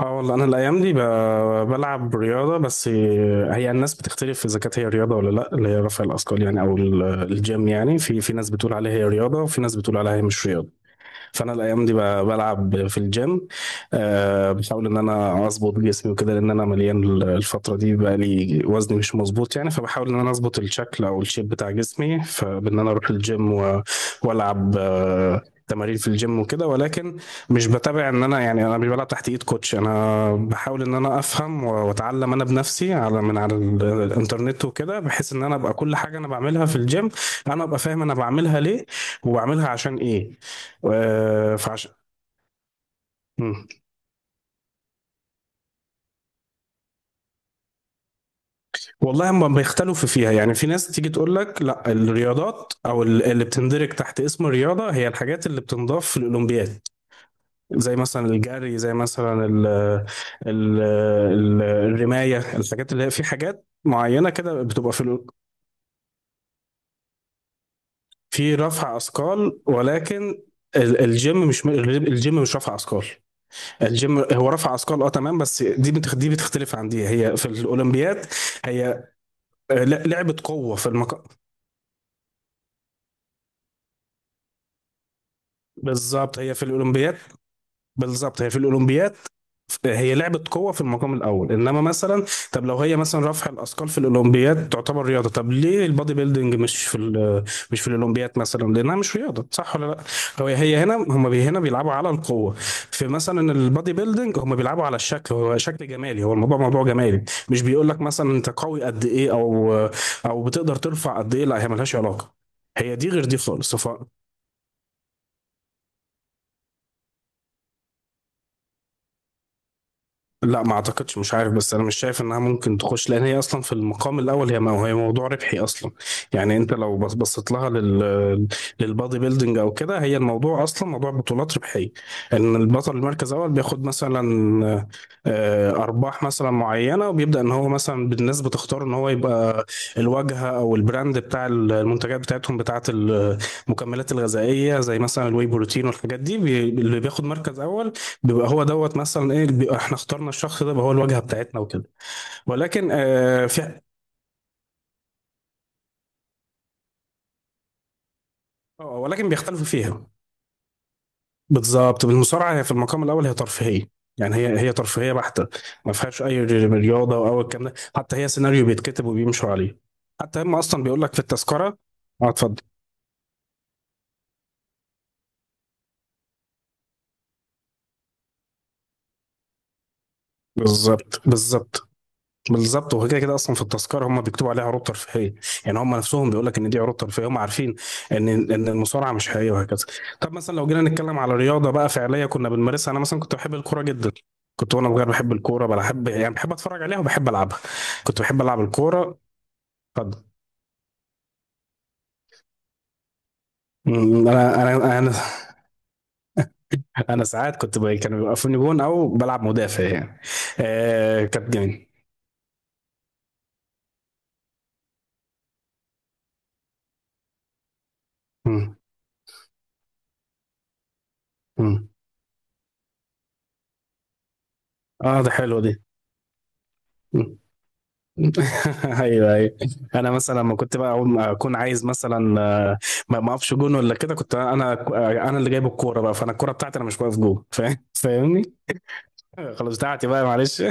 اه، والله انا الايام دي بلعب رياضه. بس هي الناس بتختلف اذا كانت هي رياضه ولا لا، اللي هي رفع الاثقال يعني، او الجيم يعني. في ناس بتقول عليها هي رياضه، وفي ناس بتقول عليها هي مش رياضه. فانا الايام دي بلعب في الجيم. بحاول ان انا اظبط جسمي وكده، لان انا مليان الفتره دي، بقى لي وزني مش مظبوط يعني. فبحاول ان انا اظبط الشكل او الشيب بتاع جسمي، فبان انا اروح الجيم والعب تمارين في الجيم وكده. ولكن مش بتابع ان انا يعني، انا مش بلعب تحت ايد كوتش، انا بحاول ان انا افهم واتعلم انا بنفسي على الانترنت وكده، بحيث ان انا ابقى كل حاجه انا بعملها في الجيم انا ابقى فاهم انا بعملها ليه وبعملها عشان ايه. آه، فعش مم. والله هم بيختلفوا فيها يعني. في ناس تيجي تقول لك لا، الرياضات او اللي بتندرج تحت اسم الرياضه هي الحاجات اللي بتنضاف في الاولمبياد، زي مثلا الجري، زي مثلا ال الرمايه، الحاجات اللي هي في حاجات معينه كده بتبقى في في رفع اثقال. ولكن الجيم مش الجيم مش رفع اثقال. الجيم هو رفع اثقال، اه تمام، بس دي بتختلف عن دي هي في الاولمبياد. هي لعبة قوة. بالظبط هي في الاولمبياد، بالظبط هي في الاولمبياد. هي لعبه قوه في المقام الاول، انما مثلا طب لو هي مثلا رفع الاثقال في الاولمبياد تعتبر رياضه، طب ليه البادي بيلدينج مش في مش في الاولمبياد مثلا؟ لانها مش رياضه، صح ولا لا. هو هي هنا هم بي هنا بيلعبوا على القوه. في مثلا البادي بيلدينج هم بيلعبوا على الشكل، هو شكل جمالي، هو الموضوع موضوع جمالي. مش بيقول لك مثلا انت قوي قد ايه، او بتقدر ترفع قد ايه، لا هي ملهاش علاقه، هي دي غير دي خالص. لا، ما اعتقدش، مش عارف، بس انا مش شايف انها ممكن تخش، لان هي اصلا في المقام الاول هي موضوع ربحي اصلا. يعني انت لو بصيت لها، للبادي بيلدينج او كده، هي الموضوع اصلا موضوع بطولات ربحيه. ان البطل المركز الاول بياخد مثلا ارباح مثلا معينه، وبيبدا ان هو مثلا بالناس بتختار ان هو يبقى الواجهه او البراند بتاع المنتجات بتاعتهم بتاعه المكملات الغذائيه، زي مثلا الواي بروتين والحاجات دي. اللي بياخد مركز اول بيبقى هو دوت مثلا ايه، بيبقى احنا اخترنا الشخص ده بقى هو الواجهه بتاعتنا وكده. ولكن آه في ولكن بيختلفوا فيها. بالظبط، بالمصارعه هي في المقام الاول هي ترفيهيه، يعني هي ترفيهيه بحته. ما فيهاش اي رياضه او الكلام ده، حتى هي سيناريو بيتكتب وبيمشوا عليه. حتى هم اصلا بيقول لك في التذكره. اه، اتفضل. بالظبط، بالظبط، بالظبط. وهو كده كده اصلا في التذكره هم بيكتبوا عليها عروض ترفيهيه، يعني هم نفسهم بيقول لك ان دي عروض ترفيهيه. هم عارفين ان المصارعه مش حقيقيه وهكذا. طب مثلا لو جينا نتكلم على رياضه بقى فعليه كنا بنمارسها، انا مثلا كنت بحب الكوره جدا. كنت وانا صغير بحب الكوره، بحب اتفرج عليها وبحب العبها. كنت بحب العب الكوره. اتفضل. أمم، انا انا انا انا ساعات كنت كانوا بيوقفوني جون، او بلعب مدافع يعني. آه، كانت جميل. أمم. أمم. اه ده حلو دي. ايوه، ايوه. انا مثلا لما كنت بقى اول ما اكون عايز مثلا ما اقفش جون ولا كده، كنت انا انا اللي جايب الكوره بقى، فانا الكوره بتاعتي، انا مش واقف جون، فاهم فاهمني. خلاص بتاعتي بقى معلش.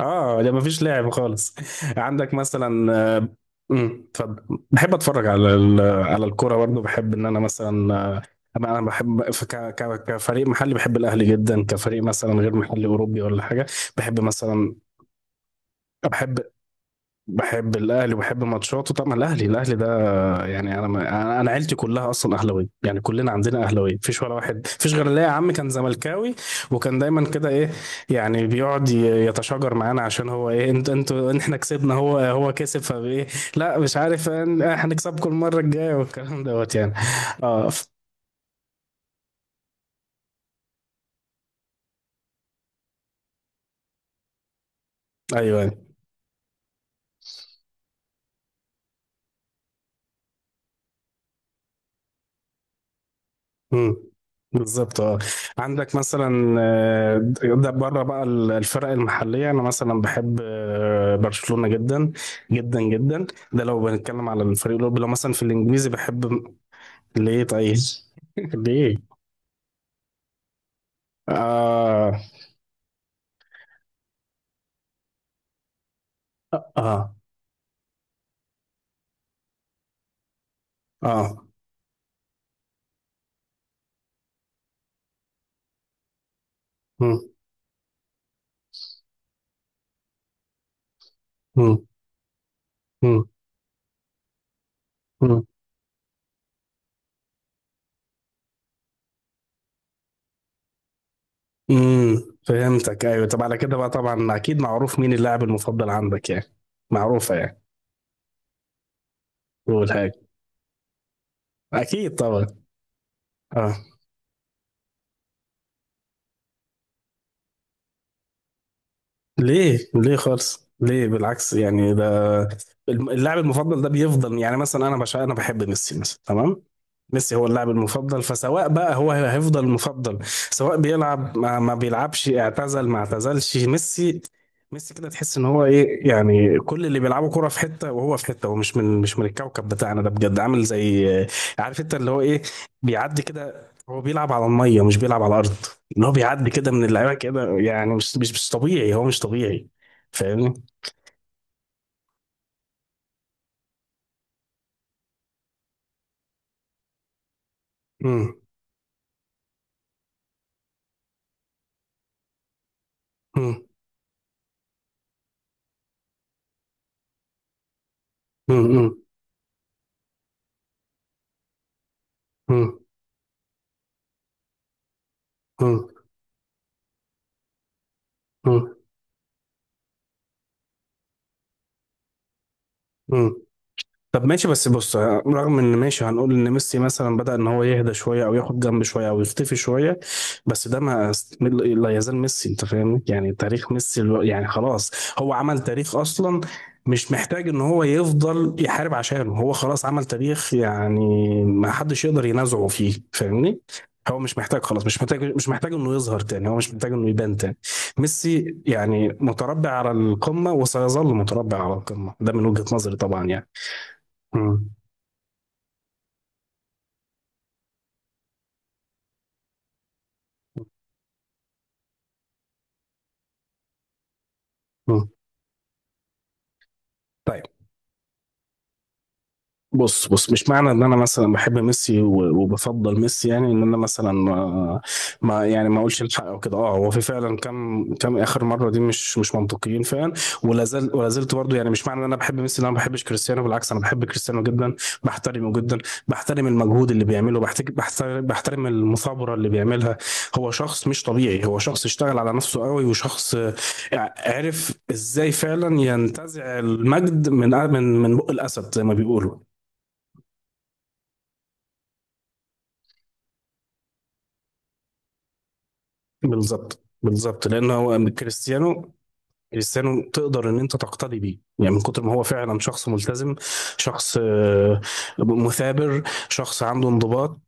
اه ده ما فيش لعب خالص. عندك مثلا آه، اتفضل. بحب اتفرج على على الكوره برضه. بحب ان انا مثلا انا بحب كفريق محلي بحب الاهلي جدا، كفريق مثلا غير محلي اوروبي ولا حاجه. بحب مثلا بحب بحب الاهلي وبحب ماتشاته طبعا، الاهلي، الاهلي ده يعني، انا ما انا أنا عيلتي كلها اصلا اهلاويه، يعني كلنا عندنا اهلاويه. مفيش ولا واحد، مفيش غير ليا عم كان زملكاوي، وكان دايما كده ايه، يعني بيقعد يتشاجر معانا عشان هو ايه، انتوا احنا كسبنا، هو كسب فايه. لا مش عارف احنا هنكسبكم المره الجايه والكلام دوت يعني. اه، ايوه. مم. بالظبط، اه. عندك مثلا ده بره بقى الفرق المحليه. انا مثلا بحب برشلونه جدا، جدا جدا. ده لو بنتكلم على الفريق الاوروبي. لو مثلا في الانجليزي بحب. ليه طيب؟ ليه؟ اه، اه، اه. مم. مم. مم. مم. مم. فهمتك. ايوه، طب على كده بقى طبعا اكيد معروف مين اللاعب المفضل عندك يعني، معروفه يعني. قول حاجه. اكيد طبعا. اه، ليه؟ ليه خالص؟ ليه؟ بالعكس يعني، ده اللاعب المفضل ده بيفضل. يعني مثلا انا انا بحب ميسي مثلا، تمام؟ ميسي هو اللاعب المفضل. فسواء بقى هو هيفضل مفضل، سواء بيلعب ما بيلعبش، اعتزل ما اعتزلش، ميسي ميسي كده تحس ان هو ايه يعني. كل اللي بيلعبوا كرة في حتة، وهو في حتة. هو مش من الكوكب بتاعنا ده، بجد. عامل زي، عارف انت اللي هو ايه، بيعدي كده. هو بيلعب على المية، مش بيلعب على الارض. ان هو بيعدي كده من اللعيبه كده يعني، مش طبيعي، هو مش طبيعي. فاهمني؟ مم. مم. مم. مم. مم. مم. مم. طب ماشي بس بص، رغم ان ماشي هنقول ان ميسي مثلا بدأ ان هو يهدى شويه، او ياخد جنب شويه، او يختفي شويه، بس ده ما است- لا يزال ميسي، انت فاهمني؟ يعني تاريخ ميسي يعني خلاص هو عمل تاريخ اصلا، مش محتاج ان هو يفضل يحارب عشانه، هو خلاص عمل تاريخ يعني، ما حدش يقدر ينازعه فيه، فاهمني؟ هو مش محتاج، خلاص مش محتاج انه يظهر تاني، هو مش محتاج انه يبان تاني. ميسي يعني متربع على القمه، وسيظل متربع على القمه، ده من وجهة نظري طبعا يعني. مم. مم. طيب، بص بص. مش معنى ان انا مثلا بحب ميسي وبفضل ميسي، يعني ان انا مثلا ما اقولش الحق او كده. اه، هو في فعلا كام اخر مره دي مش منطقيين فعلا، ولا زلت برضه يعني. مش معنى ان انا بحب ميسي ان انا ما بحبش كريستيانو، بالعكس انا بحب كريستيانو جدا، بحترمه جدا، بحترم المجهود اللي بيعمله، بحترم المثابره اللي بيعملها. هو شخص مش طبيعي، هو شخص اشتغل على نفسه قوي، وشخص عرف ازاي فعلا ينتزع المجد من بق الاسد زي ما بيقولوا. بالظبط، بالظبط، لان هو كريستيانو، كريستيانو تقدر ان انت تقتدي بيه، يعني من كتر ما هو فعلا شخص ملتزم، شخص مثابر، شخص عنده انضباط.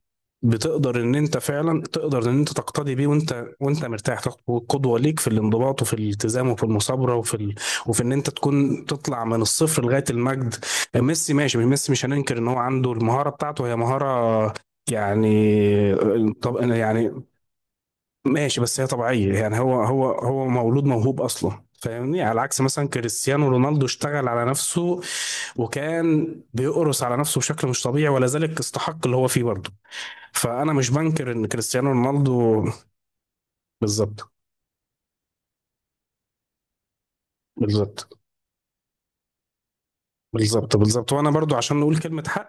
بتقدر ان انت فعلا تقدر ان انت تقتدي بيه، وانت مرتاح تاخد قدوه ليك في الانضباط، وفي الالتزام، وفي المثابره، وفي ان انت تكون تطلع من الصفر لغايه المجد. ميسي ماشي، ميسي مش هننكر ان هو عنده المهاره بتاعته هي مهاره يعني، طب يعني ماشي، بس هي طبيعية يعني. هو مولود موهوب أصلا، فاهمني؟ على عكس مثلا كريستيانو رونالدو، اشتغل على نفسه وكان بيقرص على نفسه بشكل مش طبيعي، ولا ذلك استحق اللي هو فيه برضه. فأنا مش بنكر إن كريستيانو رونالدو، بالظبط، بالظبط، بالظبط، بالظبط، وانا برضو عشان نقول كلمة حق،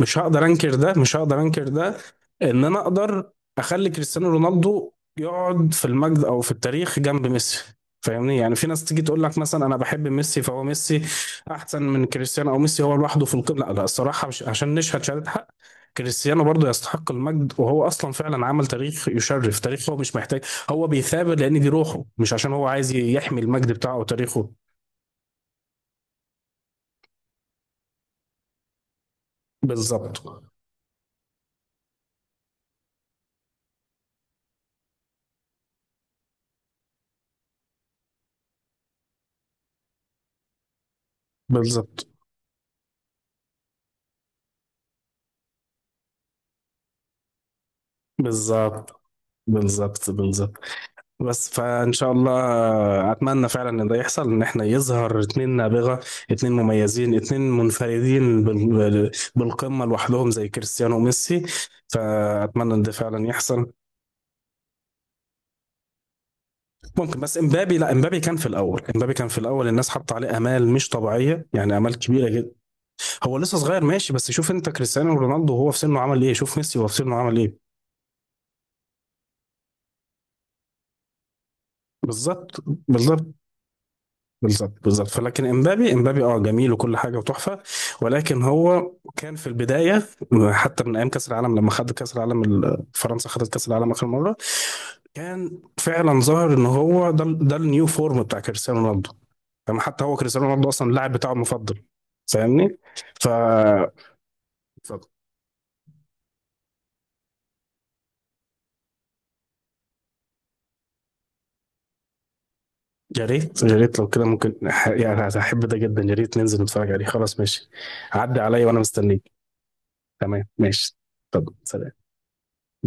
مش هقدر انكر ده، مش هقدر انكر ده. ان انا اقدر اخلي كريستيانو رونالدو يقعد في المجد او في التاريخ جنب ميسي، فاهمني؟ يعني في ناس تيجي تقول لك مثلا انا بحب ميسي فهو ميسي احسن من كريستيانو، او ميسي هو لوحده في القمة، لا لا، الصراحة، مش عشان نشهد شهادة حق. كريستيانو برضو يستحق المجد، وهو اصلا فعلا عمل تاريخ يشرف تاريخ، هو مش محتاج. هو بيثابر لان دي روحه، مش عشان هو عايز يحمي المجد بتاعه وتاريخه. بالظبط، بالظبط، بالظبط، بالظبط، بالظبط. بس فان شاء الله، اتمنى فعلا ان ده يحصل، ان احنا يظهر اتنين نابغه، اتنين مميزين، اتنين منفردين بالقمه لوحدهم زي كريستيانو وميسي. فاتمنى ان ده فعلا يحصل. ممكن، بس امبابي لا امبابي كان في الاول الناس حاطه عليه امال مش طبيعيه يعني، امال كبيره جدا. هو لسه صغير ماشي، بس شوف انت كريستيانو رونالدو وهو في سنه عمل ايه، شوف ميسي وهو في سنه عمل ايه. بالظبط، بالظبط، بالظبط، بالظبط. فلكن امبابي اه جميل وكل حاجه وتحفه، ولكن هو كان في البدايه، حتى من ايام كاس العالم، لما خد كاس العالم، فرنسا خدت كاس العالم اخر مره، كان فعلا ظاهر ان هو ده النيو فورم بتاع كريستيانو رونالدو. فما حتى هو كريستيانو رونالدو اصلا اللاعب بتاعه المفضل، فاهمني؟ ف اتفضل. يا ريت، يا ريت لو كده ممكن يعني هحب ده جدا، يا ريت ننزل نتفرج عليه، خلاص ماشي. عدي عليا وانا مستنيك. تمام ماشي. طب سلام.